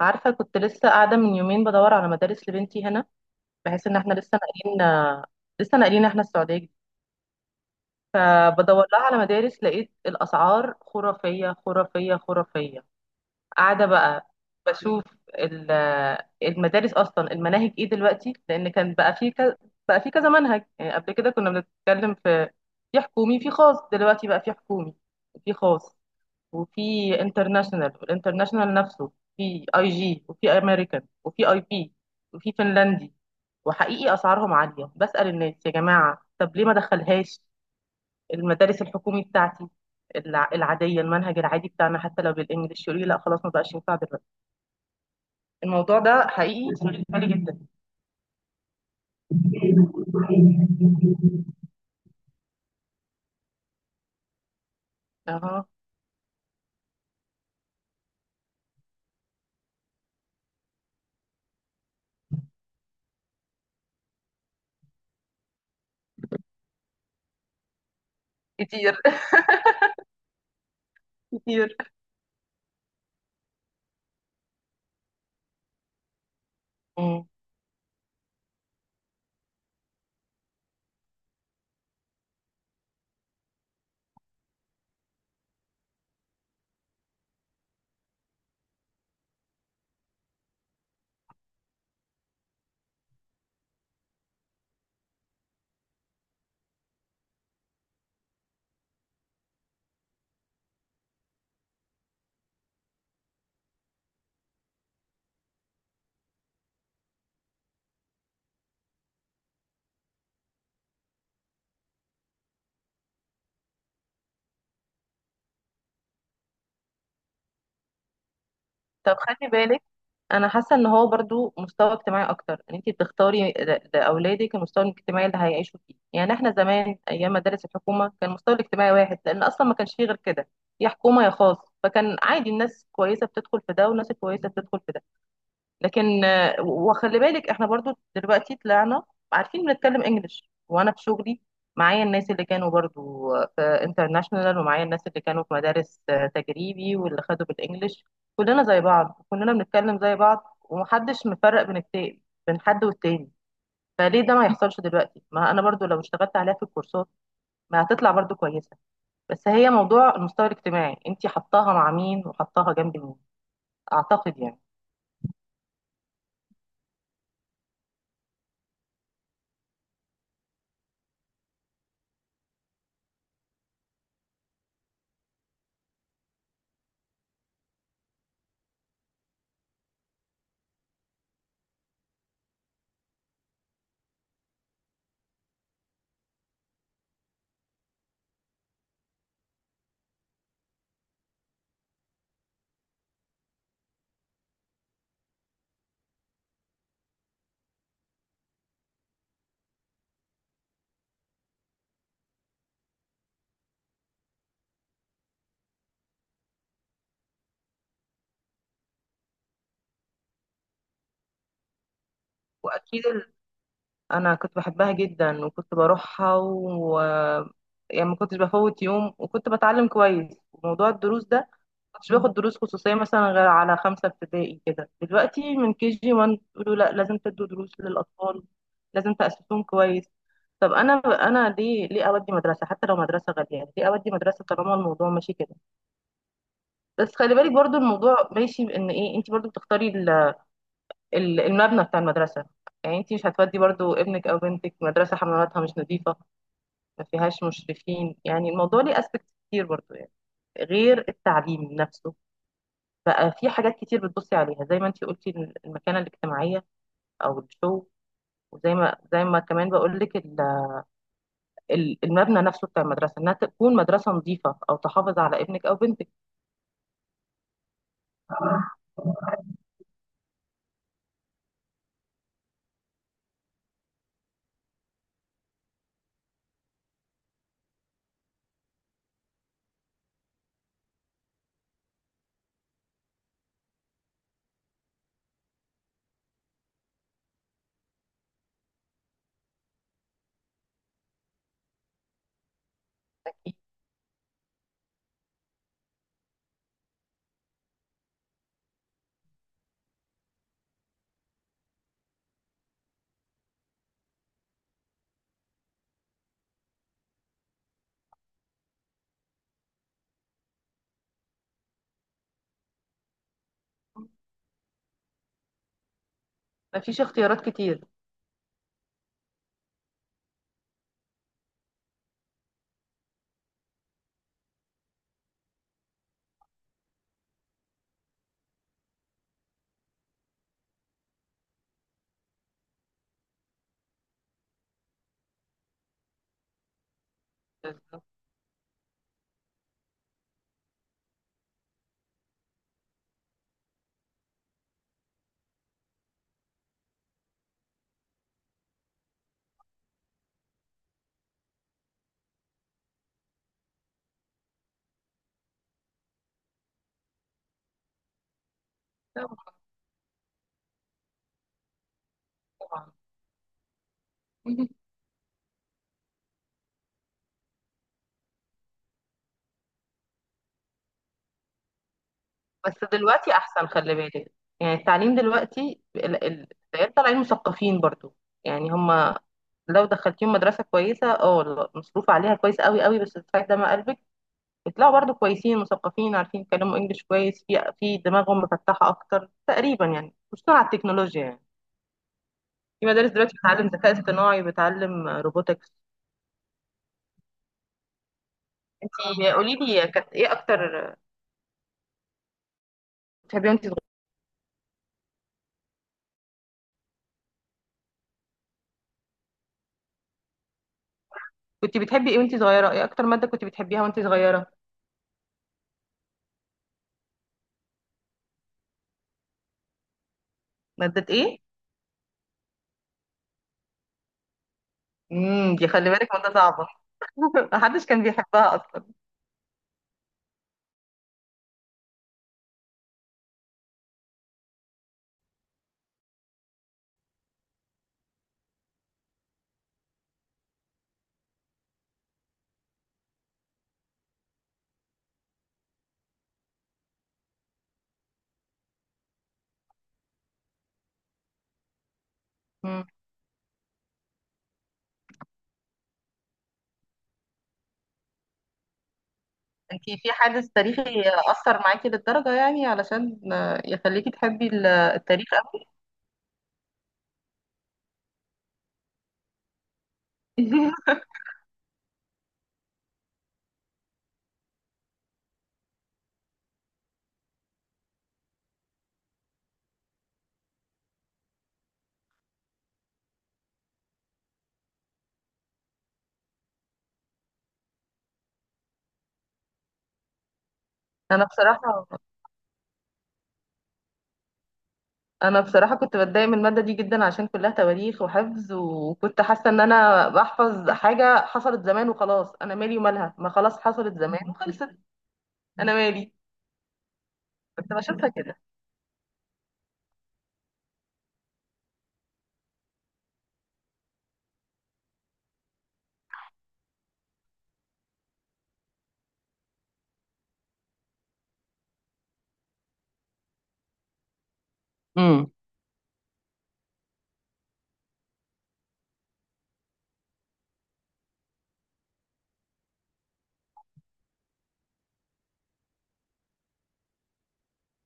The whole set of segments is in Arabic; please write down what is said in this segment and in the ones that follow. عارفة كنت لسه قاعدة من يومين بدور على مدارس لبنتي هنا، بحيث ان احنا لسه ناقلين. احنا السعودية جديد. فبدور لها على مدارس، لقيت الأسعار خرافية خرافية خرافية. قاعدة بقى بشوف ال- المدارس أصلا المناهج ايه دلوقتي، لأن كان بقى في كذا. بقى في كذا منهج، يعني قبل كده كنا بنتكلم في في حكومي في خاص، دلوقتي بقى في حكومي، في خاص، وفي انترناشونال، والانترناشونال نفسه في اي جي وفي امريكان وفي اي بي وفي فنلندي. وحقيقي اسعارهم عاليه. بسأل الناس، يا جماعه طب ليه ما دخلهاش المدارس الحكومي بتاعتي، العاديه، المنهج العادي بتاعنا حتى لو بالانجلش؟ يقول لي لا خلاص، ما بقاش ينفع دلوقتي. الموضوع ده حقيقي شغل بالي جدا. اها. كتير. كتير. مم. طب خلي بالك، انا حاسه ان هو برضو مستوى اجتماعي اكتر، ان انت بتختاري لاولادك المستوى الاجتماعي اللي هيعيشوا فيه. يعني احنا زمان ايام مدارس الحكومه كان المستوى الاجتماعي واحد، لان اصلا ما كانش فيه غير كده، يا حكومه يا خاص. فكان عادي، الناس كويسه بتدخل في ده والناس الكويسه بتدخل في ده. لكن آه، وخلي بالك احنا برضو دلوقتي طلعنا عارفين بنتكلم انجلش، وانا في شغلي معايا الناس اللي كانوا برضو آه، في انترناشونال، ومعايا الناس اللي كانوا في مدارس آه، تجريبي، واللي خدوا بالانجلش. كلنا زي بعض، كلنا بنتكلم زي بعض، ومحدش مفرق بين التاني، بين حد والتاني. فليه ده ما يحصلش دلوقتي؟ ما انا برضو لو اشتغلت عليها في الكورسات ما هتطلع برضو كويسة. بس هي موضوع المستوى الاجتماعي، انتي حطاها مع مين وحطاها جنب مين، اعتقد يعني. واكيد، انا كنت بحبها جدا وكنت بروحها و يعني ما كنتش بفوت يوم، وكنت بتعلم كويس. وموضوع الدروس ده، ما كنتش باخد دروس خصوصية مثلا غير على خمسة ابتدائي كده. دلوقتي من كي جي 1 يقولوا لا لازم تدوا دروس للأطفال، لازم تأسسهم كويس. طب انا، ليه اودي مدرسه؟ حتى لو مدرسه غاليه، يعني ليه اودي مدرسه طالما الموضوع ماشي كده؟ بس خلي بالك برضو، الموضوع ماشي بان ايه، انت برضو بتختاري المبنى بتاع المدرسه. يعني انت مش هتودي برضو ابنك او بنتك مدرسه حملاتها مش نظيفه، ما فيهاش مشرفين. يعني الموضوع ليه اسبكت كتير برضو، يعني غير التعليم نفسه. بقى في حاجات كتير بتبصي عليها، زي ما انتي قلتي، المكانة الاجتماعية او الشو. وزي ما كمان بقول لك، المبنى نفسه بتاع المدرسة، انها تكون مدرسة نظيفة او تحافظ على ابنك او بنتك. ما فيش اختيارات كتير. بالظبط. طبعا. بس دلوقتي احسن، خلي بالك، يعني التعليم دلوقتي العيال طالعين مثقفين برضو. يعني هم لو دخلتيهم مدرسه كويسه، اه مصروف عليها كويس قوي قوي، بس بتاعت دم قلبك. بيطلعوا برضو كويسين، مثقفين، عارفين يتكلموا انجليش كويس، في في دماغهم مفتحه اكتر تقريبا، يعني خصوصا على التكنولوجيا. يعني في مدارس دلوقتي بتعلم ذكاء اصطناعي، بتعلم روبوتكس. انتي قولي لي، كانت ايه اكتر بتحبيها وانت صغيره؟ كنت بتحبي ايه وانت صغيره؟ ايه اكتر ماده كنت بتحبيها وانت صغيره؟ ماده ايه؟ امم، دي خلي بالك مادة صعبة. محدش كان بيحبها أصلا. امم. انتي في حادث تاريخي أثر معاكي للدرجة، يعني علشان آه، يخليكي تحبي التاريخ أوي؟ أنا بصراحة، أنا بصراحة كنت بتضايق من المادة دي جدا، عشان كلها تواريخ وحفظ. وكنت حاسة إن أنا بحفظ حاجة حصلت زمان وخلاص، أنا مالي ومالها؟ ما خلاص حصلت زمان وخلصت، أنا مالي؟ كنت بشوفها كده. امم.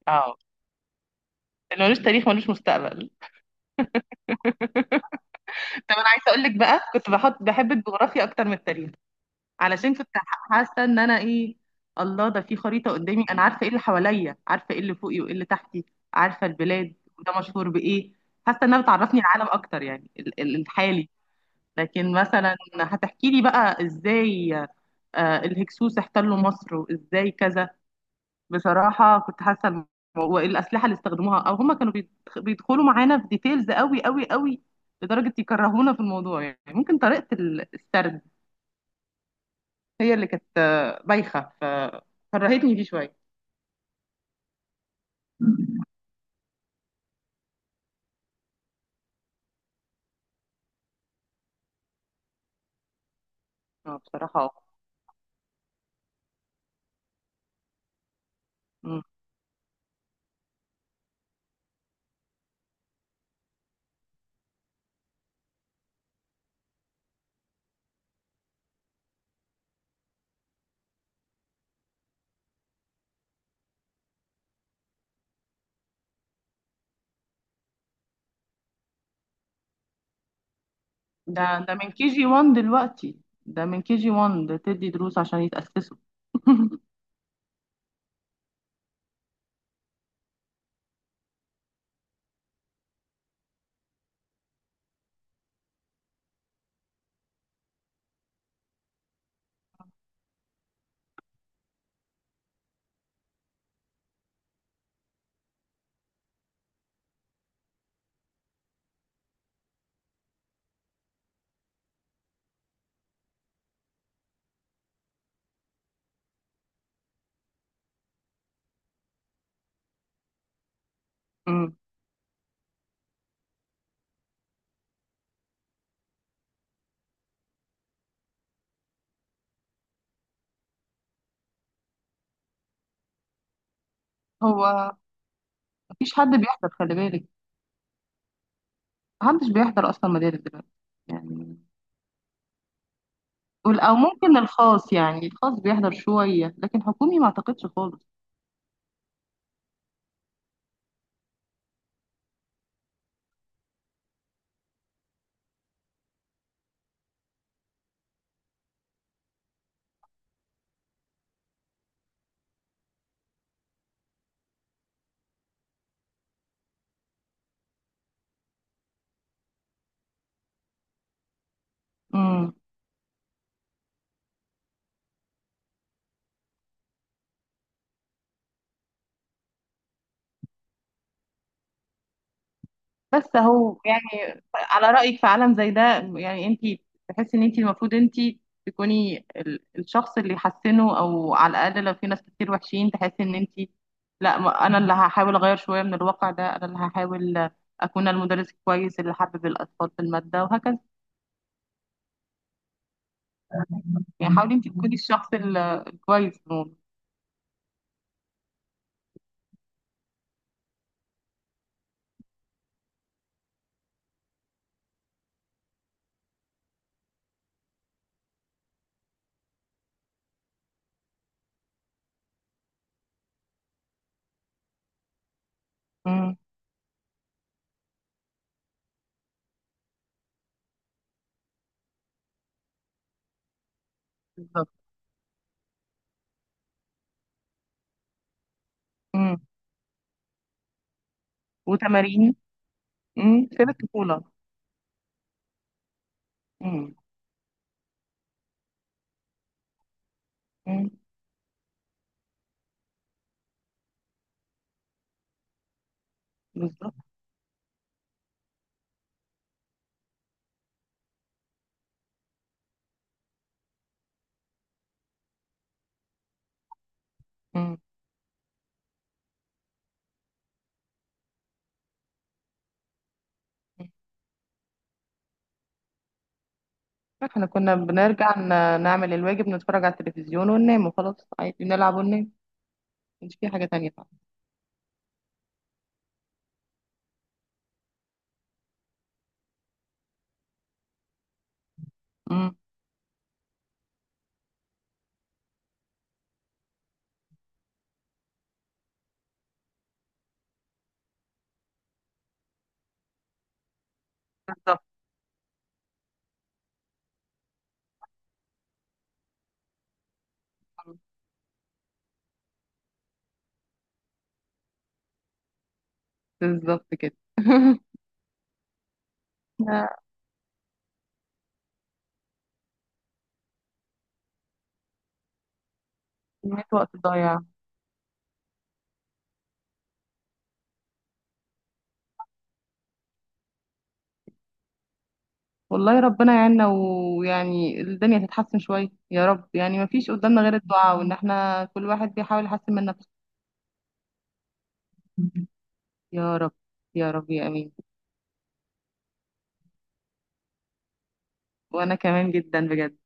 اه. اللي ملوش تاريخ ملوش مستقبل. طب أنا عايزة أقول لك بقى، كنت بحط، بحب الجغرافيا أكتر من التاريخ، علشان كنت حاسه ان انا ايه، الله ده في خريطه قدامي، انا عارفه ايه اللي حواليا، عارفه ايه اللي فوقي وايه اللي تحتي، عارفه البلاد وده مشهور بايه. حاسه انها بتعرفني العالم اكتر، يعني الحالي. لكن مثلا هتحكي لي بقى ازاي آه، الهكسوس احتلوا مصر وازاي كذا. بصراحه كنت حاسه والاسلحه اللي استخدموها، او هم كانوا بيدخلوا معانا في ديتيلز قوي قوي قوي لدرجه يكرهونا في الموضوع. يعني ممكن طريقه السرد هي اللي كانت آه، بايخة، فكرهتني فيه شوية. اه بصراحة اه. مم. ده من كي جي 1 دلوقتي. ده من كي جي 1، ده تدي دروس عشان يتأسسوا. مم. هو مفيش حد بيحضر، خلي بالك. محدش بيحضر أصلا مدارس دلوقتي، يعني. أو ممكن الخاص، يعني الخاص بيحضر شوية، لكن حكومي ما أعتقدش خالص. مم. بس هو يعني، على رأيك في عالم زي ده، يعني انت تحسي ان انت المفروض انت تكوني الشخص اللي يحسنه، او على الاقل لو في ناس كتير وحشين تحسي ان انت، لا انا اللي هحاول اغير شوية من الواقع ده، انا اللي هحاول اكون المدرس الكويس اللي حبب الاطفال في المادة وهكذا. يعني حاولي انت تكوني الشخص الكويس في الموضوع. امم. بالظبط. امم. وتمارين. امم، سيب الطفولة. امم. امم. بالظبط. امم. احنا كنا بنرجع نعمل الواجب، نتفرج على التلفزيون وننام وخلاص، عادي نلعب وننام. مش في حاجة تانية فعلا. امم. بالظبط. بالظبط كده. إحنا كمية وقت ضايع. والله ربنا يعيننا، ويعني الدنيا تتحسن شوية يا رب. يعني ما فيش قدامنا غير الدعاء، وإن احنا كل واحد بيحاول يحسن من نفسه. يا رب. يا رب. يا أمين. وأنا كمان جدا بجد.